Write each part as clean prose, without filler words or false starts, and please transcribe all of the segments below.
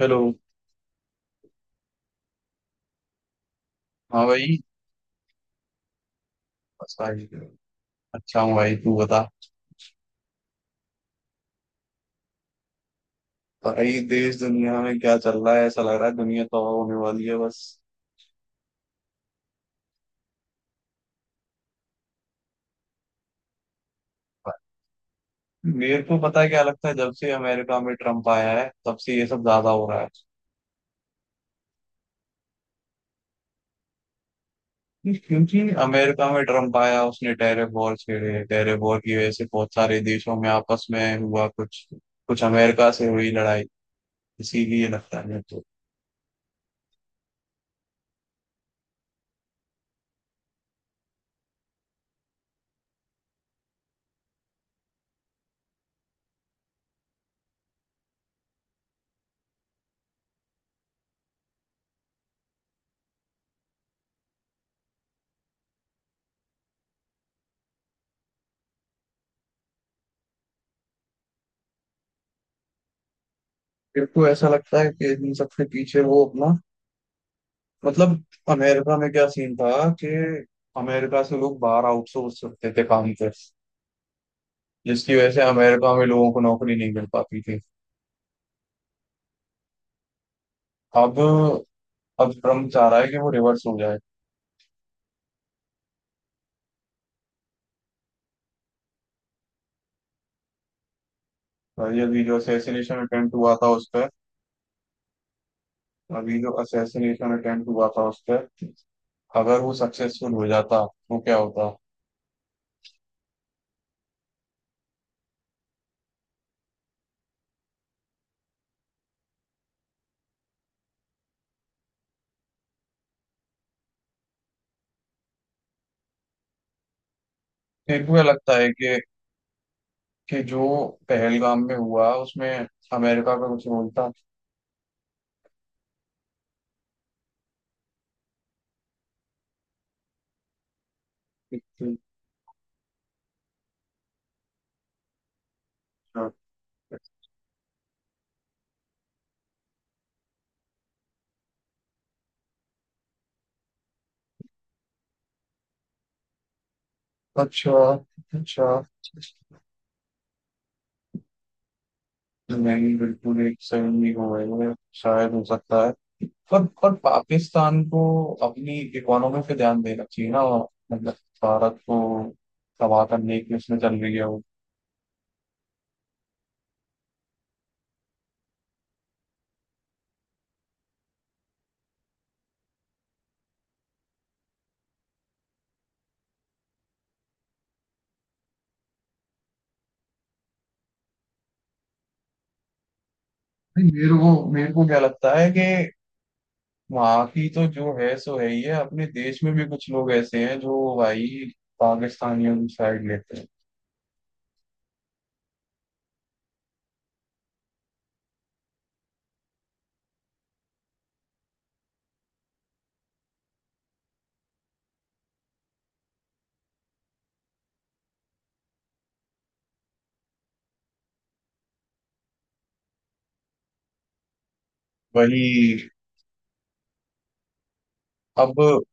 Hello. हाँ भाई। बस भाई। अच्छा हूँ भाई, तू बता। भाई, देश दुनिया में क्या चल रहा है? ऐसा लग रहा है दुनिया तो होने वाली है बस। मेरे को पता है क्या लगता है, जब से अमेरिका में ट्रम्प आया है तब से ये सब ज्यादा हो रहा है। क्योंकि अमेरिका में ट्रम्प आया, उसने टैरिफ वॉर छेड़े। टैरिफ वॉर की वजह से बहुत सारे देशों में आपस में हुआ, कुछ कुछ अमेरिका से हुई लड़ाई। इसीलिए लगता है मेरे को ऐसा लगता है कि इन सबसे पीछे वो अपना, मतलब, अमेरिका में क्या सीन था कि अमेरिका से लोग बाहर आउटसोर्स करते थे काम पे, जिसकी वजह से अमेरिका में लोगों को नौकरी नहीं मिल पाती थी। अब अब ट्रम्प चाह रहा है कि वो रिवर्स हो जाए। और ये, अभी जो असैसिनेशन अटेम्प्ट हुआ था उस पर। अभी जो असैसिनेशन अटेम्प्ट हुआ था उस पर अगर वो सक्सेसफुल हो जाता तो क्या होता? फिर मुझे लगता है कि जो पहलगाम में हुआ उसमें अमेरिका का कुछ रोल था। अच्छा। अच्छा। नहीं, बिल्कुल एक सेवन नहीं हो गई है, शायद हो सकता है। पर पाकिस्तान को अपनी इकोनॉमी पे ध्यान देना चाहिए ना, मतलब भारत को तबाह करने की उसमें चल रही है वो। नहीं, मेरे को क्या लगता है कि वहाँ की तो जो है सो है ही है, अपने देश में भी कुछ लोग ऐसे हैं जो भाई पाकिस्तानियों की साइड लेते हैं। वही। अब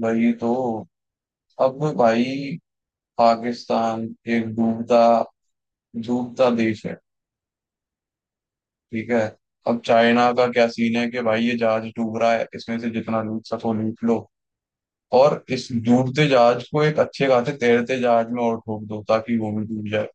वही तो। अब भाई, पाकिस्तान एक डूबता डूबता देश है। ठीक है। अब चाइना का क्या सीन है कि भाई, ये जहाज डूब रहा है, इसमें से जितना लूट सको लूट लो। और इस डूबते जहाज को एक अच्छे खासे तैरते जहाज में और ठोक दो ताकि वो भी डूब जाए।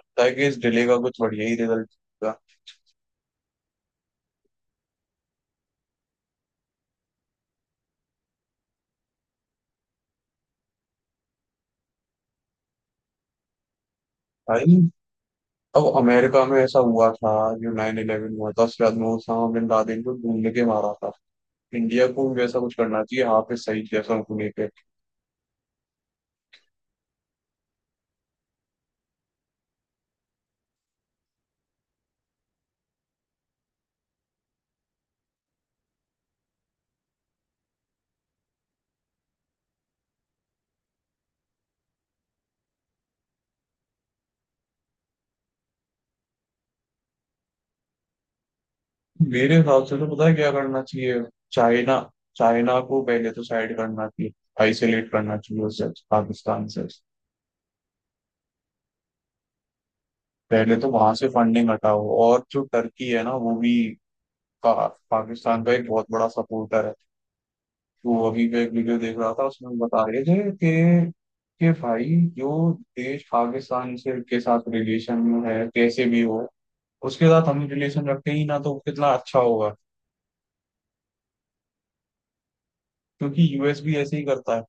ताकि इस डिले का कुछ बढ़िया ही रिजल्ट होगा। भाई, अब अमेरिका में ऐसा हुआ था, जो 9/11 हुआ था उसके बाद में उसामा बिन लादेन को ढूंढ के मारा था। इंडिया को भी वैसा कुछ करना चाहिए, हाफिज सईद जैसा उनको लेके। मेरे हिसाब से तो पता है क्या करना चाहिए। चाइना चाइना को पहले तो साइड करना चाहिए, आइसोलेट करना चाहिए उसे पाकिस्तान से। पहले तो वहां से फंडिंग हटाओ, और जो टर्की है ना, वो भी पाकिस्तान का एक बहुत बड़ा सपोर्टर है। तो अभी मैं एक वीडियो देख रहा था, उसमें बता रहे थे कि भाई, जो देश पाकिस्तान से के साथ रिलेशन में है कैसे भी हो, उसके साथ हम रिलेशन रखते ही ना तो कितना अच्छा होगा। क्योंकि यूएस भी ऐसे ही करता है।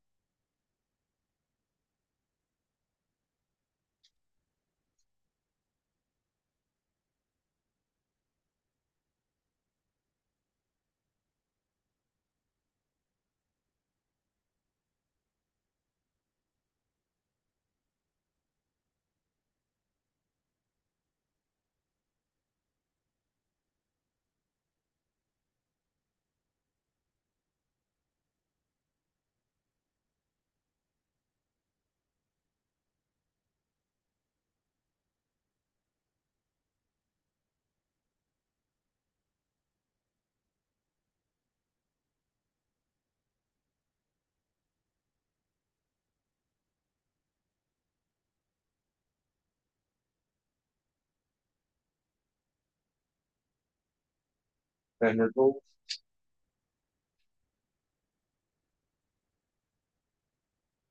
पहले तो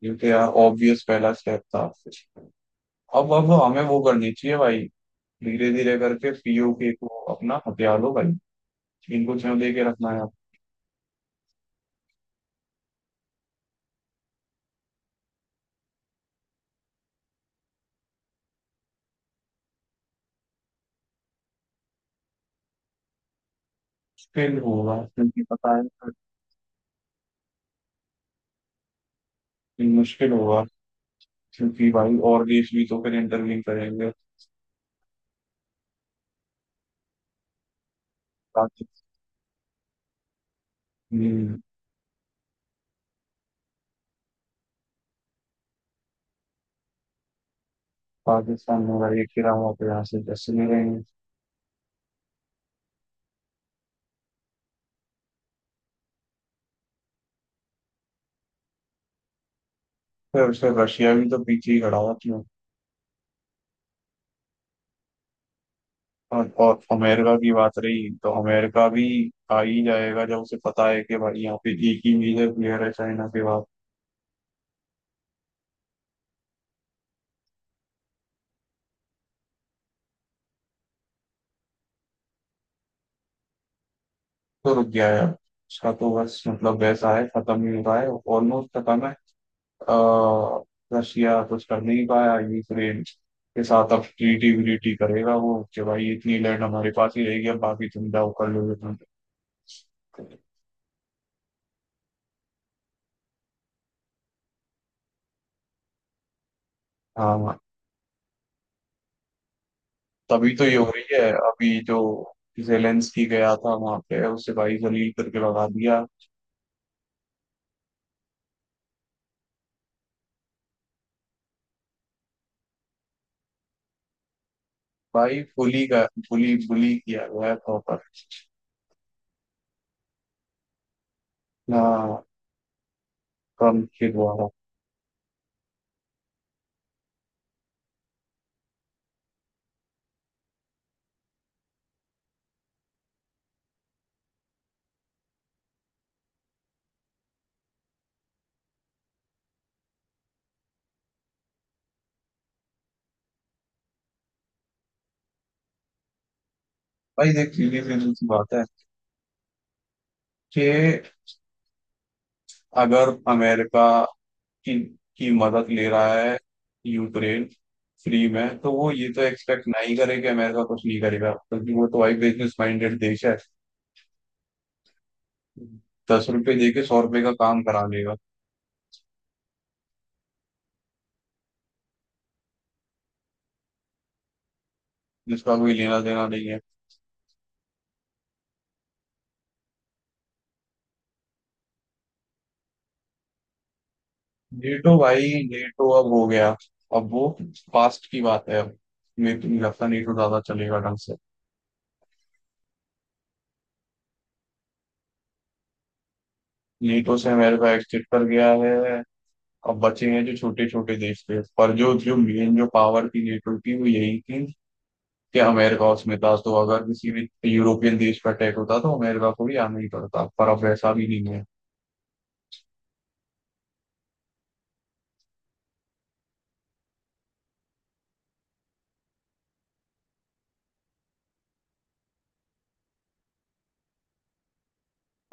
क्योंकि यार, ऑब्वियस पहला स्टेप था। अब हमें वो करनी चाहिए भाई। धीरे धीरे करके पीओके को अपना हथियार लो भाई, इनको क्यों दे के रखना है? मुश्किल होगा, क्योंकि पता है कि मुश्किल होगा, क्योंकि भाई और देश भी तो फिर इंटरव्यू करेंगे। पाकिस्तान हम्म, पाकिस्तान में भाई एक खिलाफ वहाँ पे यहाँ से जैसे नहीं रहेंगे। फिर उससे रशिया भी तो पीछे ही खड़ा हुआ क्यों। और अमेरिका की बात रही तो अमेरिका भी आ ही जाएगा, जब उसे पता है कि भाई यहाँ पे एक ही मेजर प्लेयर है चाइना के बाद। तो रुक गया यार, उसका तो बस मतलब वैसा है, खत्म ही हो रहा है। ऑलमोस्ट खत्म है। अह, रशिया कुछ कर नहीं पाया यूक्रेन के साथ। अब ट्रीटी व्रीटी करेगा वो कि भाई इतनी लैंड हमारे पास ही रहेगी, अब बाकी तुम जाओ कर लो जो तुम करते हो। हाँ, तभी तो ये हो रही है अभी, जो जेलेंस्की गया था वहां पे उसे भाई जलील करके लगा दिया। भाई, फुली का फुली बुली किया गया है प्रॉपर। हाँ, ट्रम्प के द्वारा। भाई देख, सीधी सी बात है कि अगर अमेरिका की की मदद ले रहा है यूक्रेन फ्री में, तो वो ये तो एक्सपेक्ट नहीं करे कि अमेरिका कुछ नहीं करेगा, क्योंकि वो तो एक बिजनेस माइंडेड देश है। दस रुपए दे के सौ रुपए का काम करा लेगा, जिसका कोई लेना देना नहीं है। नेटो, भाई नेटो अब हो गया। अब वो पास्ट की बात है। अब मेरे को नहीं लगता नेटो ज्यादा चलेगा ढंग से। नेटो से अमेरिका एग्जिट कर गया है। अब बचे हैं जो छोटे छोटे देश थे, पर जो जो मेन जो पावर थी नेटो की वो यही थी कि अमेरिका उसमें था, तो अगर किसी भी यूरोपियन देश पर अटैक होता तो अमेरिका को भी आना ही पड़ता, पर अब ऐसा भी नहीं है।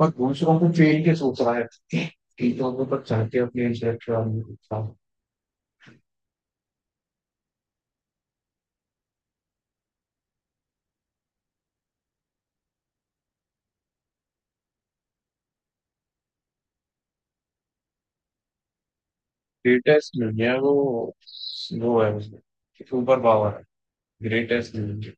और दूसरों को फेल के सोच रहा है चीजों को, पर चाहते अपने इंटरेक्ट। ग्रेटेस्ट नहीं है वो। वो है उसमें सुपर पावर, है, ग्रेटेस्ट नहीं है।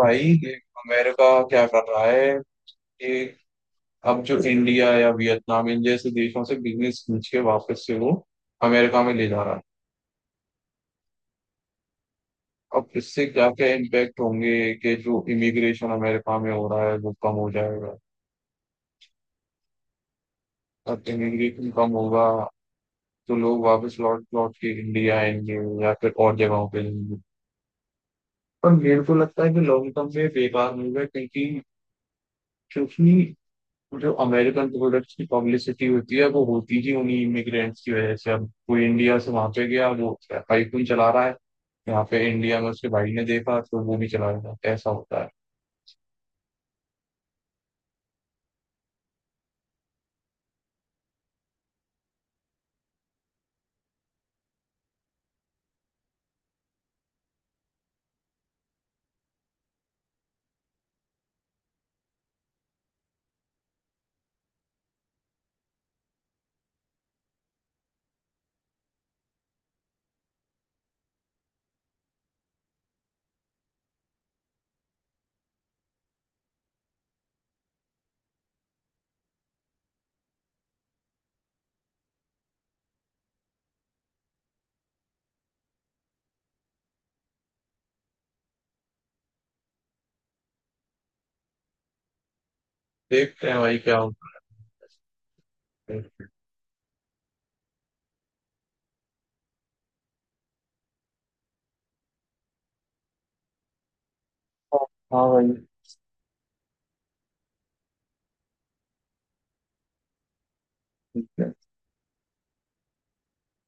भाई देख, अमेरिका क्या कर रहा है कि अब जो इंडिया या वियतनाम इन जैसे देशों से बिजनेस खींच के वापस से वो अमेरिका में ले जा रहा है। अब इससे क्या क्या इम्पैक्ट होंगे कि जो इमिग्रेशन अमेरिका में हो रहा है वो कम हो जाएगा। अब इमिग्रेशन कम होगा तो लोग वापस लौट लौट के इंडिया आएंगे, या फिर और जगहों पे जाएंगे। पर मेरे को लगता है कि लॉन्ग टर्म में बेकार होगा, क्योंकि क्योंकि जो अमेरिकन प्रोडक्ट्स की पब्लिसिटी होती है वो होती ही उन्हीं इमिग्रेंट्स की वजह से। अब कोई इंडिया से वहां पे गया, वो आईफोन चला रहा है। यहाँ पे इंडिया में उसके भाई ने देखा तो वो भी चला गया। ऐसा होता है। देखते हैं भाई क्या होता है। हाँ। हाँ भाई। ठीक है।